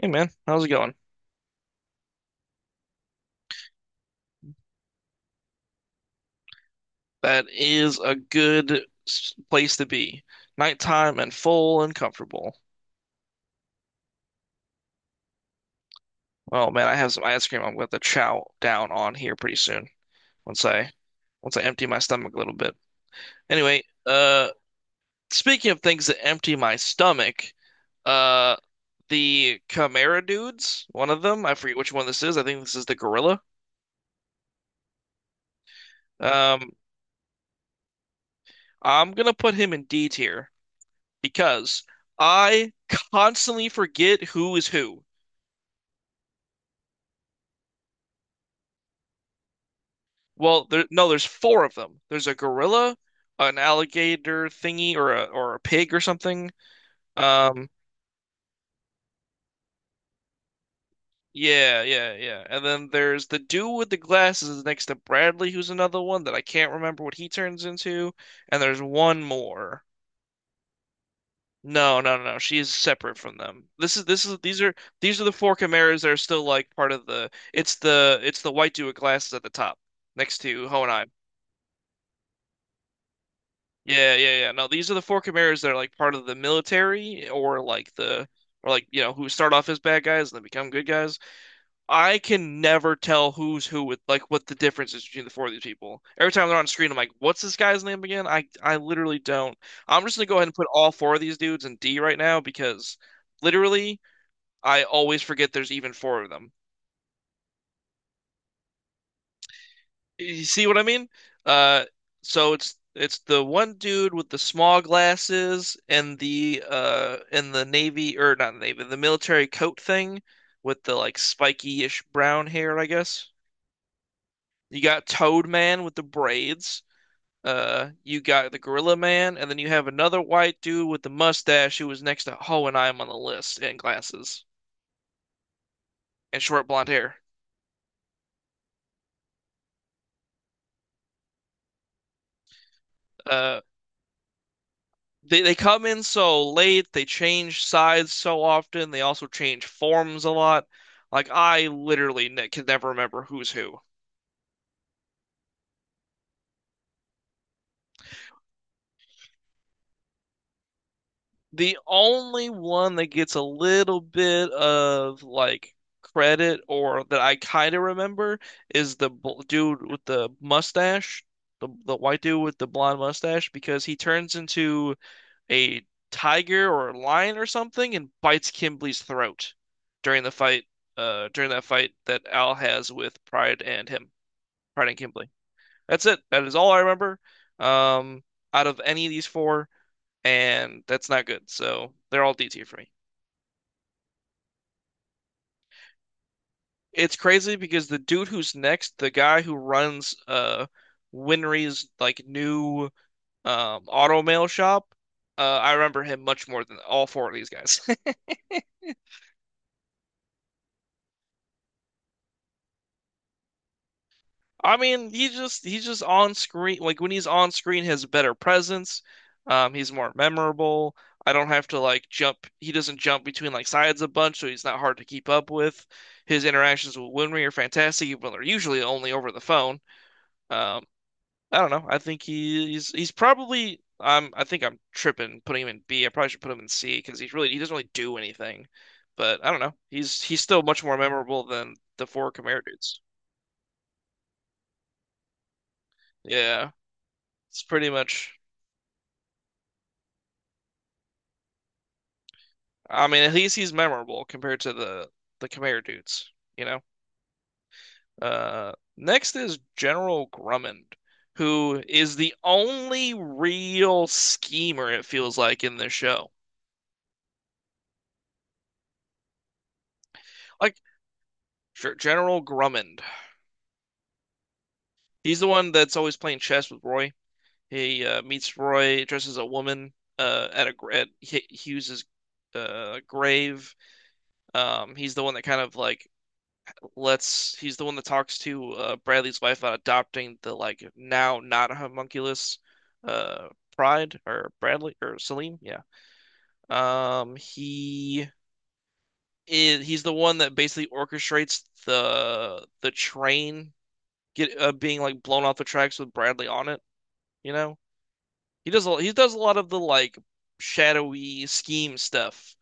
Hey, man, how's it going? That is a good place to be. Nighttime and full and comfortable. Oh, man, I have some ice cream. I'm going to chow down on here pretty soon once I once I empty my stomach a little bit. Anyway, speaking of things that empty my stomach, uh, the Chimera dudes, one of them, I forget which one this is. I think this is the gorilla. Um, I'm gonna put him in D tier because I constantly forget who is who. Well, there no, there's four of them. There's a gorilla, an alligator thingy, or a pig or something. Um, yeah, yeah, yeah. And then there's the dude with the glasses is next to Bradley, who's another one that I can't remember what he turns into. And there's one more. No, no, no, no. She is separate from them. This is these are the four chimeras that are still like part of the. It's the white dude with glasses at the top next to Honai. Yeah, yeah, yeah. No, these are the four Chimeras that are like part of the military, or like the or like you know who start off as bad guys and then become good guys. I can never tell who's who with like what the difference is between the four of these people. Every time they're on screen, I'm like, what's this guy's name again? I literally don't. I'm just gonna go ahead and put all four of these dudes in D right now because literally I always forget there's even four of them. You see what I mean? Uh, so it's the one dude with the small glasses and the navy, or not navy, the military coat thing with the like spiky-ish brown hair, I guess. You got Toad Man with the braids. You got the Gorilla Man, and then you have another white dude with the mustache who was next to Ho, and I'm on the list, and glasses and short blonde hair. Uh, they come in so late, they change sides so often, they also change forms a lot. Like, I literally ne can never remember who's who. The only one that gets a little bit of like credit or that I kind of remember is the bl dude with the mustache, the white dude with the blonde mustache, because he turns into a tiger or a lion or something and bites Kimberly's throat during the fight. During that fight that Al has with Pride and him, Pride and Kimberly. That's it. That is all I remember. Um, out of any of these four, and that's not good. So they're all D tier for me. It's crazy, because the dude who's next, the guy who runs Winry's like new auto mail shop, I remember him much more than all four of these guys. I mean, he's just on screen. Like, when he's on screen, he has a better presence. He's more memorable. I don't have to like jump. He doesn't jump between like sides a bunch, so he's not hard to keep up with. His interactions with Winry are fantastic, even though they're usually only over the phone. Um, I don't know. I think he's probably. I think I'm tripping putting him in B. I probably should put him in C because he doesn't really do anything. But I don't know. He's still much more memorable than the four Khmer dudes. Yeah, it's pretty much. I mean, at least he's memorable compared to the Khmer dudes, you know? Next is General Grummond, who is the only real schemer, it feels like, in this show. Like, sure, General Grummond. He's the one that's always playing chess with Roy. He meets Roy, dresses a woman at a at Hughes's grave. He's the one that kind of like lets he's the one that talks to Bradley's wife about adopting the like now not homunculus uh Pride, or Bradley, or Selim. Yeah. He is he's the one that basically orchestrates the train get being like blown off the tracks with Bradley on it, you know? He does a lot of the like shadowy scheme stuff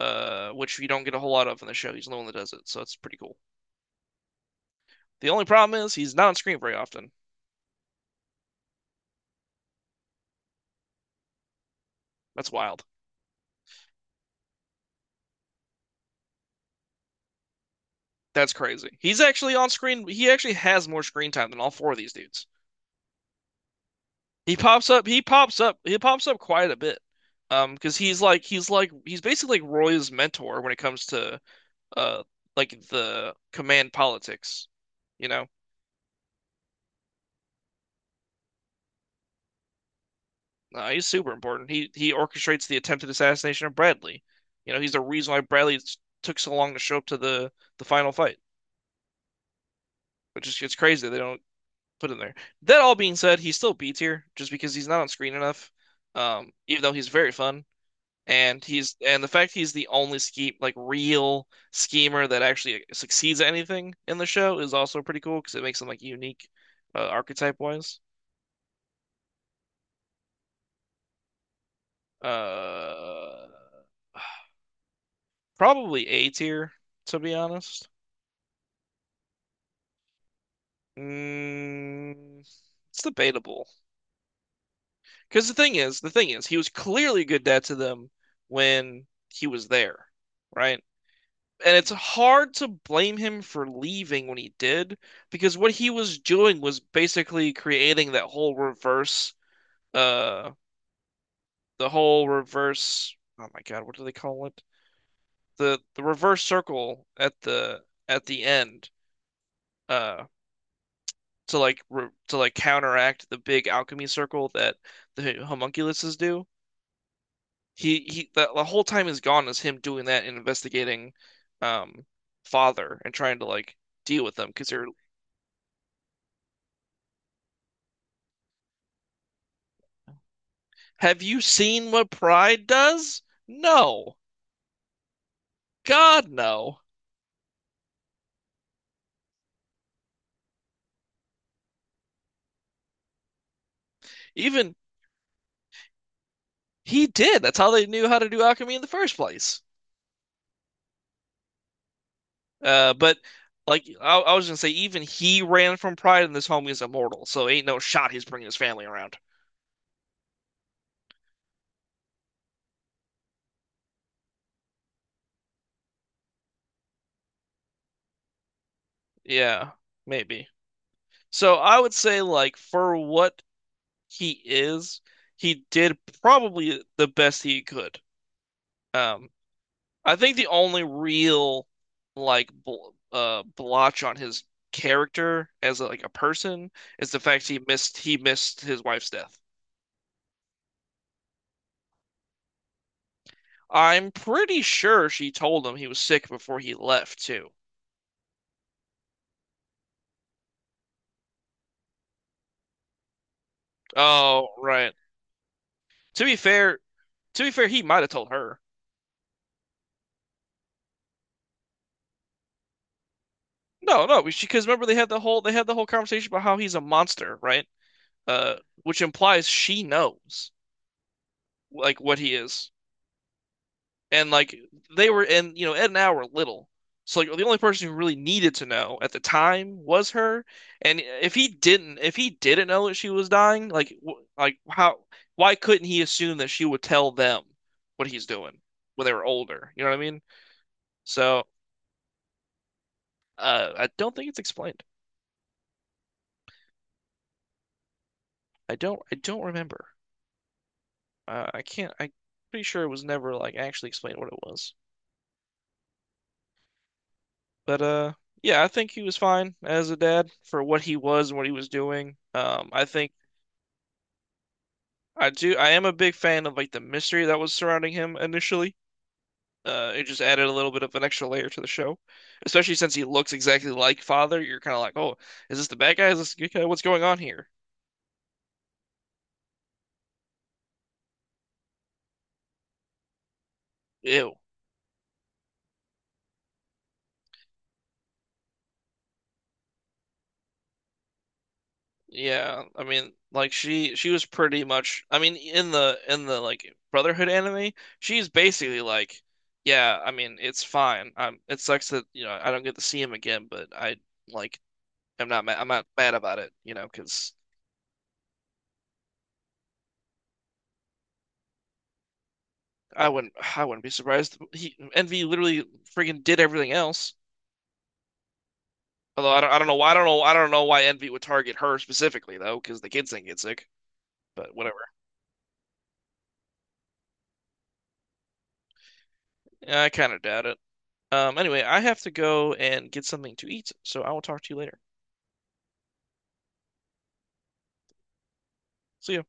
which you don't get a whole lot of in the show. He's the one that does it, so it's pretty cool. The only problem is he's not on screen very often. That's wild. That's crazy. He's actually on screen. He actually has more screen time than all four of these dudes. He pops up. He pops up. He pops up quite a bit. Because he's like he's basically like Roy's mentor when it comes to uh like the command politics. You know, he's super important. He orchestrates the attempted assassination of Bradley. You know, he's the reason why Bradley took so long to show up to the final fight, which is it's crazy. They don't put in there. That all being said, he's still B tier just because he's not on screen enough. Even though he's very fun, and he's and the fact he's the only scheme like real schemer that actually succeeds at anything in the show is also pretty cool, because it makes him like unique, archetype wise. Uh, probably A tier, to be honest. Mm, it's debatable, because the thing is, he was clearly a good dad to them when he was there, right? And it's hard to blame him for leaving when he did, because what he was doing was basically creating uh, the whole reverse. Oh my God, what do they call it? The reverse circle at the end, uh, to like re to like counteract the big alchemy circle that the homunculuses do. The whole time is gone is him doing that and investigating, um, father, and trying to like deal with them because they're. Have you seen what Pride does? No. God, no. Even he did. That's how they knew how to do alchemy in the first place. But like I was gonna say, even he ran from Pride, and this homie is immortal, so ain't no shot he's bringing his family around. Yeah, maybe. So I would say, like, for what he is, he did probably the best he could. Um, I think the only real like bl blotch on his character, like a person, is the fact he missed his wife's death. I'm pretty sure she told him he was sick before he left too. Oh, right. To be fair, to be fair, he might have told her. No, no, she, because remember they had the whole conversation about how he's a monster, right? Uh, which implies she knows like what he is. and like and Ed and Al were little, so like the only person who really needed to know at the time was her. And if he didn't know that she was dying, like w- like how why couldn't he assume that she would tell them what he's doing when they were older? You know what I mean? So I don't think it's explained. I don't remember. I can't. I'm pretty sure it was never like actually explained what it was. But yeah, I think he was fine as a dad for what he was and what he was doing. I think I do. I am a big fan of like the mystery that was surrounding him initially. It just added a little bit of an extra layer to the show, especially since he looks exactly like Father. You're kind of like, oh, is this the bad guy? Is this the good guy? What's going on here? Ew. Yeah. I mean, like she was pretty much. I mean, in the like Brotherhood anime, she's basically like, yeah. I mean, it's fine. I'm. It sucks that I don't get to see him again, but I like. I'm not mad. I'm not mad about it. You know, because. I wouldn't I wouldn't be surprised. He Envy literally freaking did everything else. Although I don't know why Envy would target her specifically, though, because the kids didn't get sick. But whatever. Yeah, I kind of doubt it. Anyway, I have to go and get something to eat, so I will talk to you later. See ya.